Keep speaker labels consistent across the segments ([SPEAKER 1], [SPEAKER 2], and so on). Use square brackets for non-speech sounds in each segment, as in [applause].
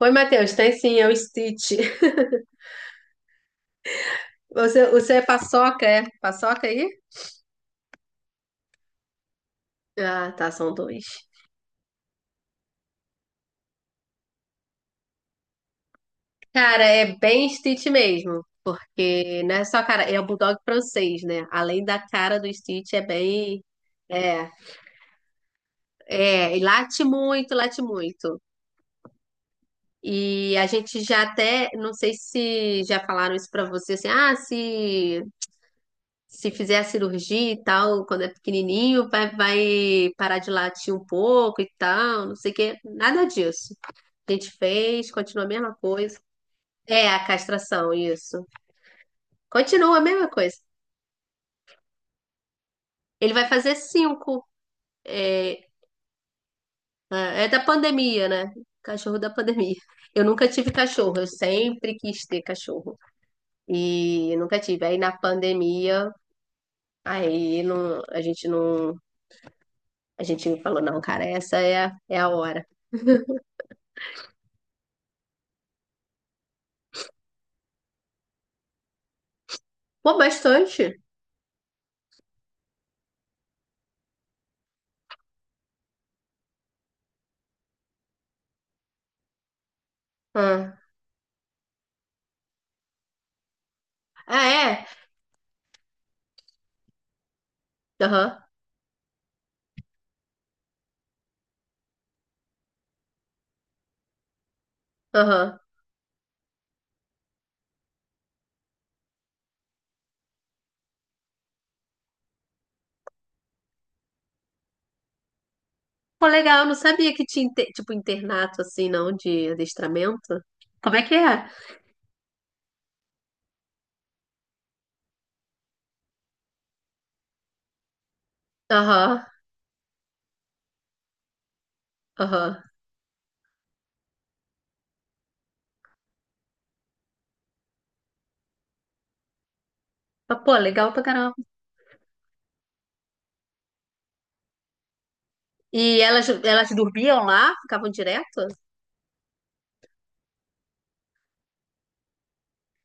[SPEAKER 1] Oi, Matheus, tem sim, é o Stitch. [laughs] Você é? Paçoca aí? Ah, tá, são dois. Cara, é bem Stitch mesmo. Porque não é só cara, é o Bulldog francês, né? Além da cara do Stitch, é bem. É, é, e late muito, late muito. E a gente já até, não sei se já falaram isso pra você, assim, ah, se fizer a cirurgia e tal, quando é pequenininho, vai parar de latir um pouco e tal, não sei o quê. Nada disso. A gente fez, continua a mesma coisa. É a castração, isso. Continua a mesma coisa. Ele vai fazer cinco. É, é da pandemia, né? Cachorro da pandemia. Eu nunca tive cachorro, eu sempre quis ter cachorro. E nunca tive. Aí na pandemia, aí não, a gente não. A gente falou, não, cara, essa é a hora. Pô, bastante. Ah, ah, é? Aham, aham. Pô, legal, eu não sabia que tinha, tipo, internato, assim, não, de adestramento. Como é que é? Aham, aham. Mas, pô, legal pra caramba. E elas dormiam lá? Ficavam direto?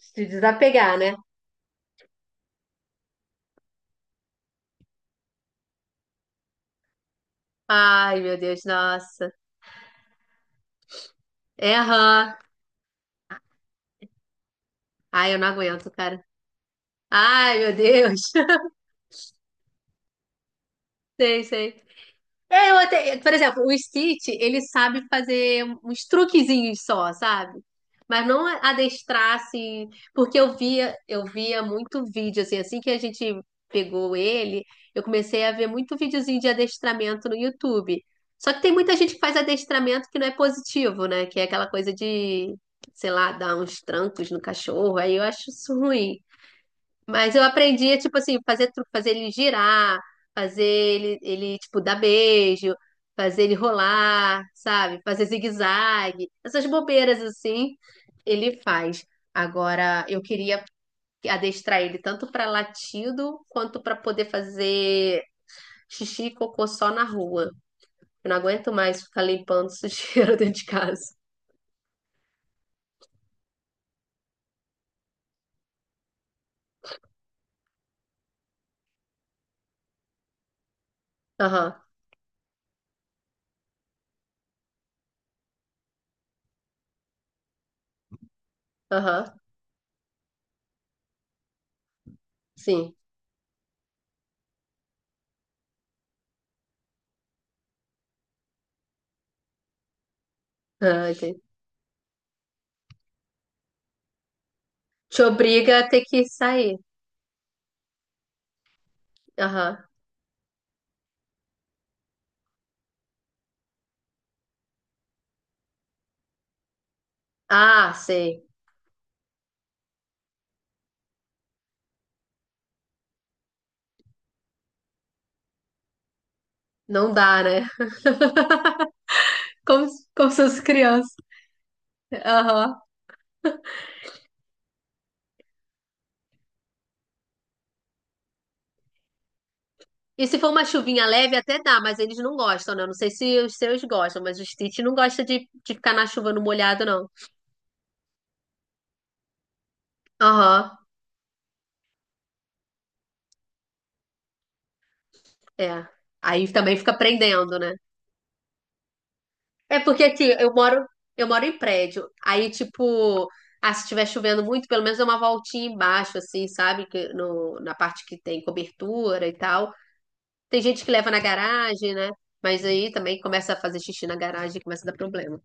[SPEAKER 1] Se desapegar, né? Ai, meu Deus, nossa. É, aham. Ai, eu não aguento, cara. Ai, meu Deus. [laughs] Sei, sei. É, eu até, por exemplo, o Stitch, ele sabe fazer uns truquezinhos só, sabe? Mas não adestrar assim, porque eu via muito vídeo assim, assim que a gente pegou ele, eu comecei a ver muito videozinho de adestramento no YouTube. Só que tem muita gente que faz adestramento que não é positivo, né? Que é aquela coisa de, sei lá, dar uns trancos no cachorro. Aí eu acho isso ruim. Mas eu aprendi, a, tipo assim, fazer truque, fazer ele girar, fazer ele, tipo, dar beijo, fazer ele rolar, sabe? Fazer zigue-zague, essas bobeiras assim, ele faz. Agora, eu queria adestrar ele tanto para latido quanto para poder fazer xixi e cocô só na rua. Eu não aguento mais ficar limpando sujeira [laughs] dentro de casa. Aham, aham, sim. Ah, entendi. Te obriga a ter que sair. Aham. Ah, sei. Não dá, né? Como, como se fosse criança. Aham. E se for uma chuvinha leve, até dá, mas eles não gostam, né? Eu não sei se os seus gostam, mas o Stitch não gosta de ficar na chuva no molhado, não. Aham, é. Aí também fica prendendo, né? É porque aqui eu moro em prédio. Aí, tipo, ah, se estiver chovendo muito, pelo menos dá uma voltinha embaixo, assim, sabe? Que no, na parte que tem cobertura e tal. Tem gente que leva na garagem, né? Mas aí também começa a fazer xixi na garagem e começa a dar problema.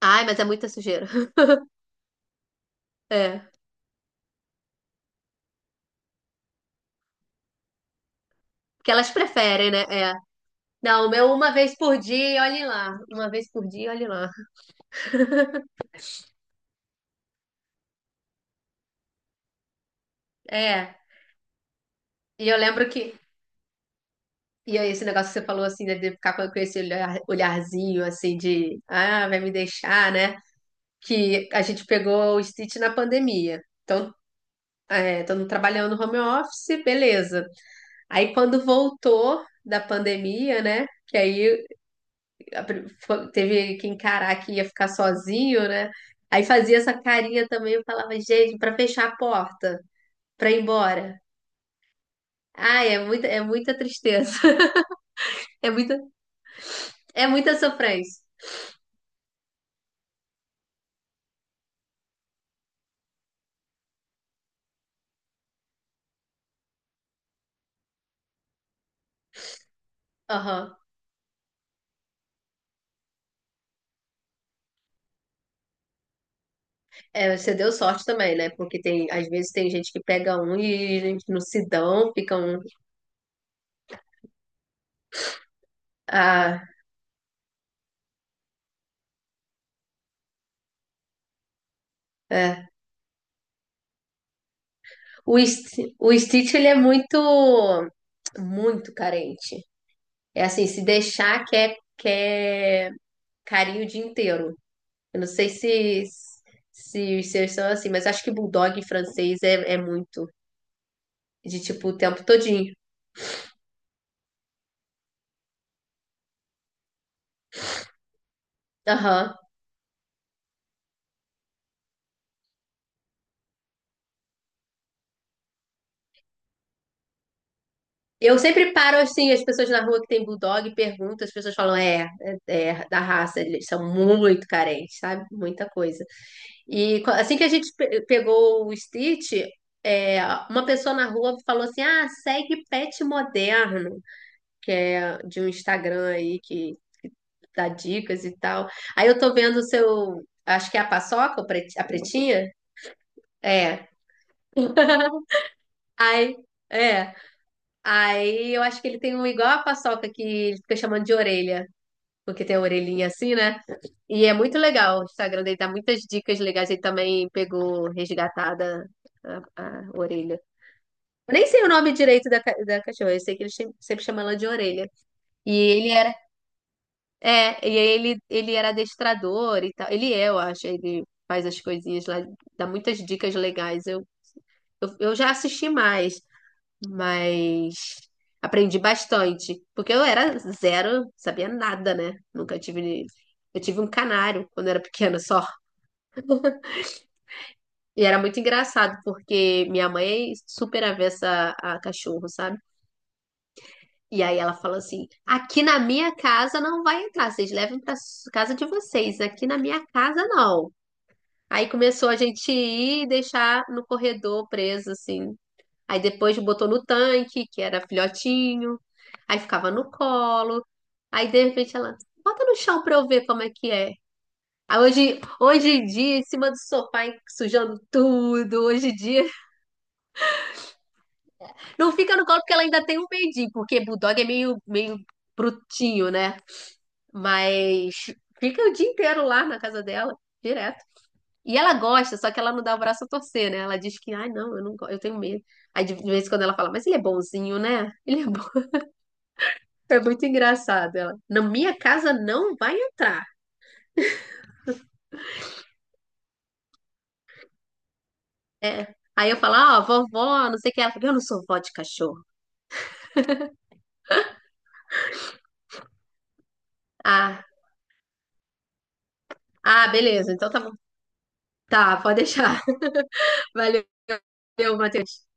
[SPEAKER 1] Ai, mas é muita sujeira. [laughs] É. Porque elas preferem, né? É. Não, o meu uma vez por dia e olhe lá. Uma vez por dia e olhe lá. [laughs] É. E eu lembro que. E aí, esse negócio que você falou assim, né, de ficar com esse olharzinho assim de ah, vai me deixar, né? Que a gente pegou o Stitch na pandemia. Então, é, todo mundo trabalhando no home office, beleza. Aí quando voltou da pandemia, né? Que aí teve que encarar que ia ficar sozinho, né? Aí fazia essa carinha também, eu falava, gente, pra fechar a porta, pra ir embora. Ah, é muita tristeza. [laughs] É muita, é muita sofrência. Aham. É, você deu sorte também, né? Porque tem, às vezes tem gente que pega um e gente não se dão, ficam. Ah, é. O, o Stitch, ele é muito, muito carente. É assim, se deixar, quer, quer carinho o dia inteiro. Eu não sei se, se os seus são assim, mas acho que bulldog francês é, é muito. De tipo, o tempo todinho. Aham. Eu sempre paro assim, as pessoas na rua que tem bulldog e pergunto, as pessoas falam, é, é, é da raça, eles são muito carentes, sabe? Muita coisa. E assim que a gente pegou o Stitch, é, uma pessoa na rua falou assim: ah, segue pet moderno, que é de um Instagram aí que dar dicas e tal. Aí eu tô vendo o seu, acho que é a paçoca, o a pretinha? É. [laughs] Aí, é. Aí eu acho que ele tem um igual a paçoca que ele fica chamando de orelha, porque tem a orelhinha assim, né? E é muito legal. O Instagram dele dá muitas dicas legais. Ele também pegou resgatada a, a orelha. Eu nem sei o nome direito da, da cachorra, eu sei que ele sempre chama ela de orelha. E ele era é, e aí ele era adestrador e tal. Ele é, eu acho, ele faz as coisinhas lá, dá muitas dicas legais. Eu já assisti mais, mas aprendi bastante, porque eu era zero, sabia nada, né? Nunca tive. Eu tive um canário quando era pequena só. E era muito engraçado, porque minha mãe é super avessa a cachorro, sabe? E aí ela falou assim: aqui na minha casa não vai entrar, vocês levam pra casa de vocês, aqui na minha casa não. Aí começou a gente ir e deixar no corredor preso, assim. Aí depois botou no tanque, que era filhotinho. Aí ficava no colo. Aí de repente ela, bota no chão pra eu ver como é que é. Aí hoje, hoje em dia, em cima do sofá, hein, sujando tudo. Hoje em dia, não fica no colo porque ela ainda tem um medinho, porque bulldog é meio brutinho, né? Mas fica o dia inteiro lá na casa dela. E ela gosta, só que ela não dá o braço a torcer, né? Ela diz que, ai, não, eu não, eu tenho medo. Aí de vez em quando ela fala, mas ele é bonzinho, né? Ele é bom. [laughs] É muito engraçado. Ela, na minha casa não vai entrar. É. Aí eu falo, ó, vovó, não sei o que. Ela fala, eu não sou vó de cachorro. Ah, ah, beleza, então tá bom. Tá, pode deixar. [laughs] Valeu, Matheus.